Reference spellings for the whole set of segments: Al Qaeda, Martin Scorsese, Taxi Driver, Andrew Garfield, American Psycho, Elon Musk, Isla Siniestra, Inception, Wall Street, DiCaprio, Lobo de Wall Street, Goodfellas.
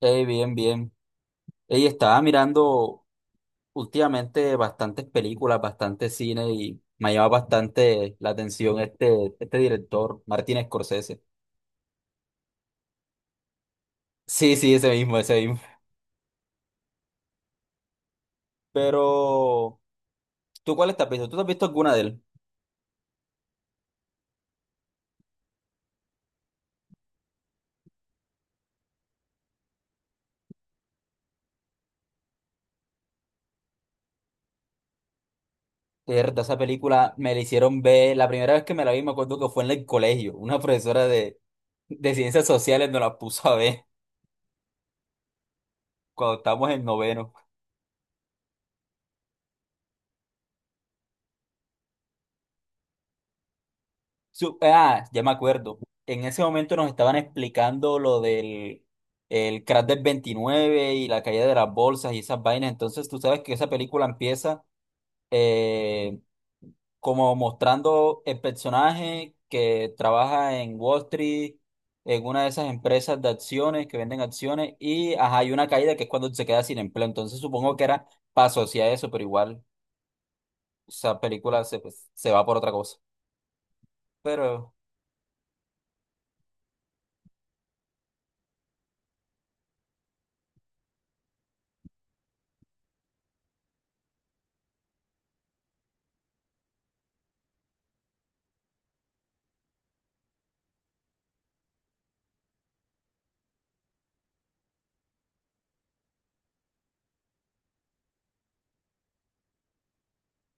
Bien, bien. Ey, estaba mirando últimamente bastantes películas, bastante cine y me llama bastante la atención este director, Martin Scorsese. Sí, sí, ese mismo, ese mismo. Pero, ¿tú cuál estás visto? ¿Tú te has visto alguna de él? Mierda, esa película me la hicieron ver. La primera vez que me la vi, me acuerdo que fue en el colegio. Una profesora de ciencias sociales nos la puso a ver cuando estábamos en noveno. Ya me acuerdo. En ese momento nos estaban explicando lo del el crash del 29 y la caída de las bolsas y esas vainas. Entonces tú sabes que esa película empieza eh, como mostrando el personaje que trabaja en Wall Street, en una de esas empresas de acciones que venden acciones y ajá, hay una caída que es cuando se queda sin empleo. Entonces supongo que era para asociar eso, pero igual esa película se, pues, se va por otra cosa. Pero...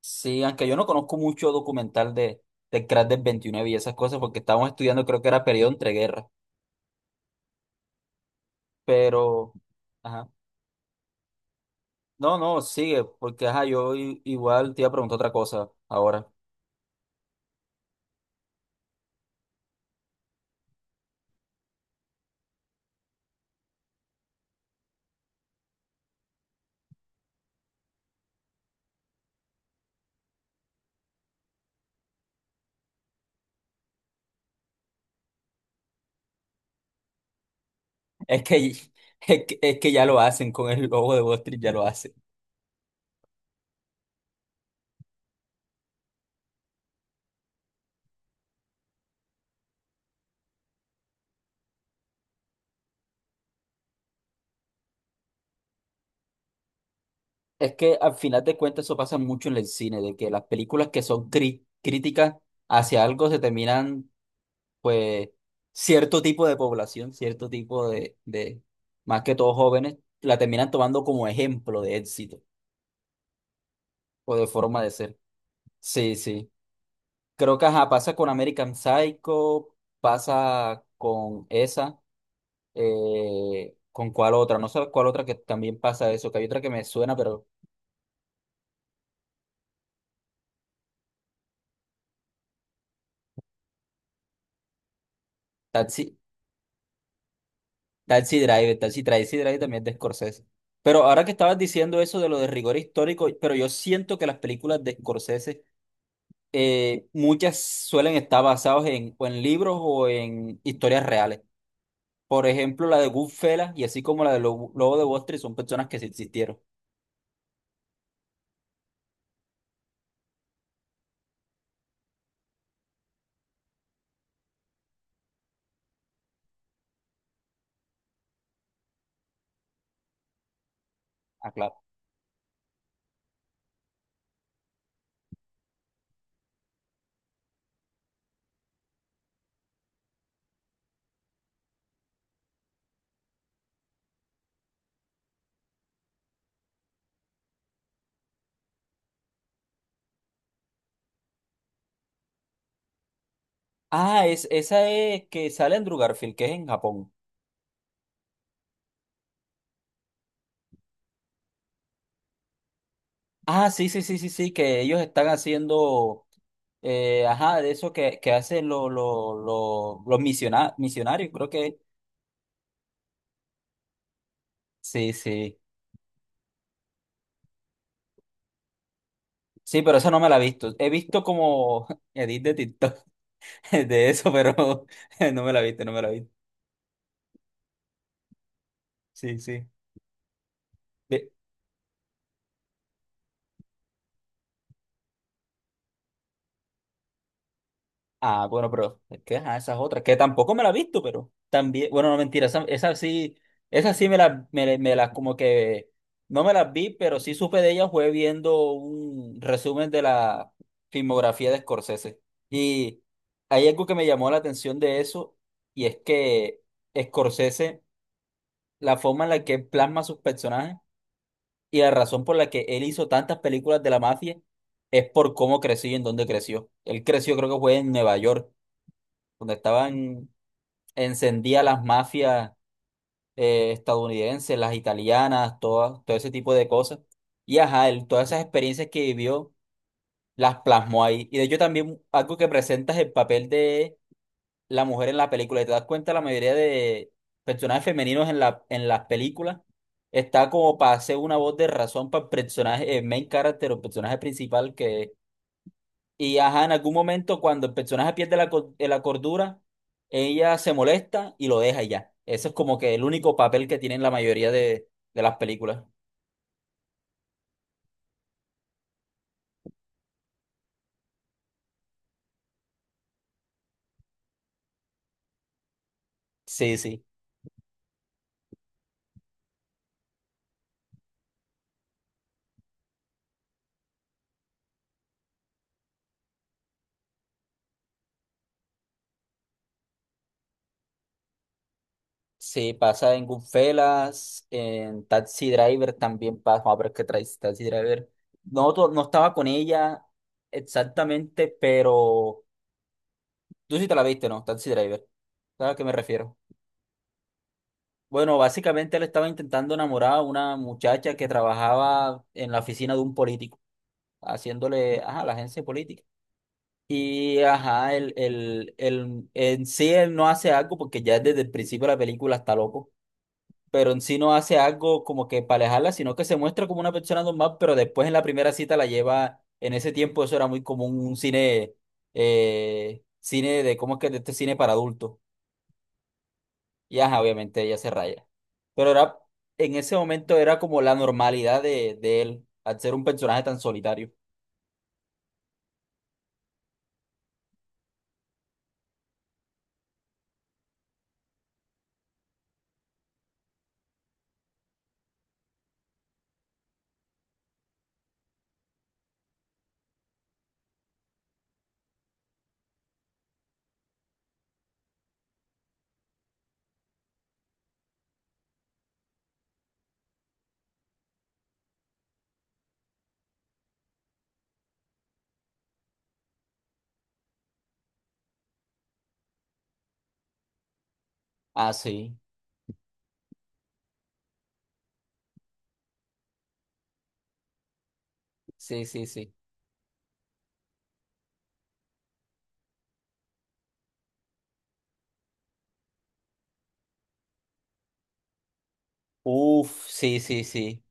Sí, aunque yo no conozco mucho documental de crack del 29 y esas cosas, porque estábamos estudiando, creo que era periodo entre guerras. Pero, ajá. No, no, sigue, porque ajá, igual te iba a preguntar otra cosa ahora. Es que, es que ya lo hacen con el logo de Wall Street, ya lo hacen. Es que al final de cuentas eso pasa mucho en el cine, de que las películas que son críticas hacia algo se terminan pues cierto tipo de población, cierto tipo más que todos jóvenes, la terminan tomando como ejemplo de éxito o de forma de ser. Sí, sí. Creo que ajá, pasa con American Psycho, pasa con esa, con cuál otra, no sé cuál otra que también pasa eso, que hay otra que me suena, pero Taxi, Taxi Driver, Taxi Driver también es de Scorsese. Pero ahora que estabas diciendo eso de lo de rigor histórico, pero yo siento que las películas de Scorsese muchas suelen estar basadas en, o en libros o en historias reales. Por ejemplo, la de Goodfellas y así como la de Lobo de Wall Street son personas que sí existieron. Ah, claro. Es, esa es que sale en Andrew Garfield, que es en Japón. Ah, sí, sí, sí, sí, sí, que ellos están haciendo, ajá, de eso que hacen los misionarios, creo que. Sí, sí. Sí, pero esa no me la he visto. He visto como edit de TikTok de eso, pero no me la he visto, no me la he visto. Sí, sí. Ve- Ah, bueno, pero es que ajá, esas otras, que tampoco me la he visto, pero también, bueno, no mentira, esa, esa sí me la, me, como que no me las vi, pero sí supe de ella, fue viendo un resumen de la filmografía de Scorsese. Y hay algo que me llamó la atención de eso, y es que Scorsese, la forma en la que plasma sus personajes. Y la razón por la que él hizo tantas películas de la mafia es por cómo creció y en dónde creció. Él creció, creo que fue en Nueva York, donde estaban encendidas las mafias estadounidenses, las italianas, todas, todo ese tipo de cosas. Y ajá, él todas esas experiencias que vivió las plasmó ahí. Y de hecho también algo que presenta es el papel de la mujer en la película. Y te das cuenta, la mayoría de personajes femeninos en en las películas está como para hacer una voz de razón para el personaje, el main character o personaje principal que. Y ajá, en algún momento cuando el personaje pierde la, la cordura, ella se molesta y lo deja y ya. Eso es como que el único papel que tienen la mayoría de las películas. Sí, sí. Sí, pasa en Goodfellas, en Taxi Driver también pasa. Vamos a ver qué trae Taxi Driver. No, no estaba con ella exactamente, pero tú sí te la viste, ¿no? Taxi Driver. ¿Sabes a qué me refiero? Bueno, básicamente él estaba intentando enamorar a una muchacha que trabajaba en la oficina de un político, haciéndole, ajá, la agencia política. Y, ajá, en sí él no hace algo porque ya desde el principio de la película está loco, pero en sí no hace algo como que para alejarla, sino que se muestra como una persona normal, pero después en la primera cita la lleva, en ese tiempo eso era muy común, un cine, cine de, ¿cómo es que? De este cine para adultos. Y ajá, obviamente ella se raya. Pero era, en ese momento era como la normalidad de él, al ser un personaje tan solitario. Ah, sí, sí, sí, sí. Uf, sí, sí, sí.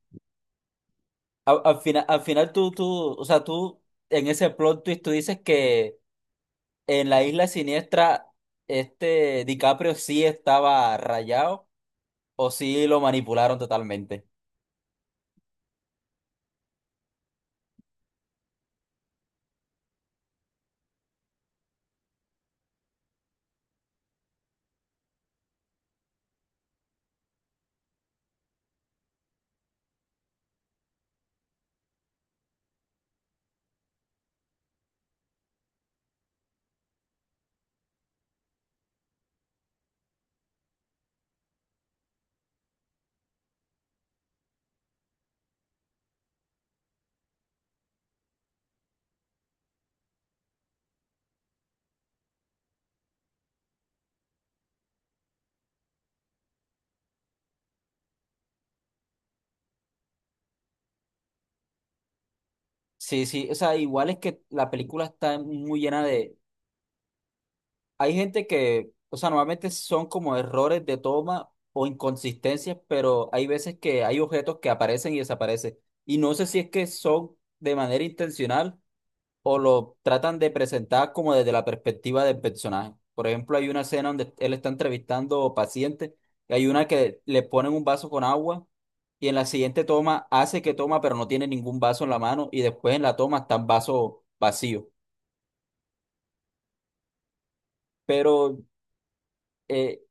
Al final, al final tú en ese plot twist tú dices que. En la Isla Siniestra, este DiCaprio sí estaba rayado o sí lo manipularon totalmente. Sí, sí, o sea, igual es que la película está muy llena de... Hay gente que, o sea, normalmente son como errores de toma o inconsistencias, pero hay veces que hay objetos que aparecen y desaparecen. Y no sé si es que son de manera intencional o lo tratan de presentar como desde la perspectiva del personaje. Por ejemplo, hay una escena donde él está entrevistando pacientes, y hay una que le ponen un vaso con agua y en la siguiente toma hace que toma, pero no tiene ningún vaso en la mano y después en la toma está el vaso vacío. Pero eh,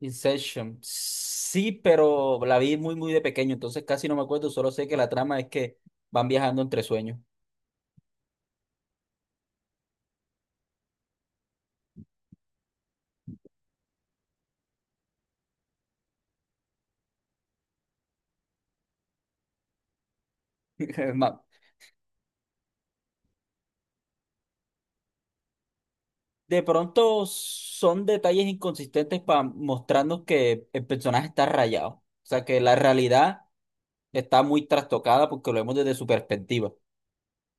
Inception, sí, pero la vi muy, muy de pequeño, entonces casi no me acuerdo, solo sé que la trama es que van viajando entre sueños. De pronto son detalles inconsistentes para mostrarnos que el personaje está rayado. O sea, que la realidad está muy trastocada porque lo vemos desde su perspectiva.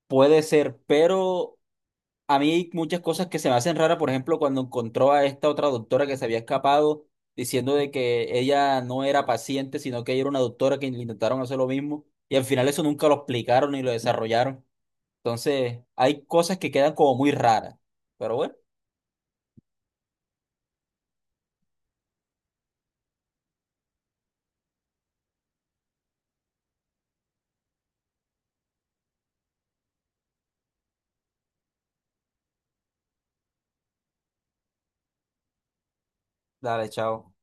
Puede ser, pero a mí hay muchas cosas que se me hacen raras. Por ejemplo, cuando encontró a esta otra doctora que se había escapado diciendo de que ella no era paciente, sino que ella era una doctora que intentaron hacer lo mismo. Y al final eso nunca lo explicaron ni lo desarrollaron. Entonces, hay cosas que quedan como muy raras. Pero bueno, dale, chao.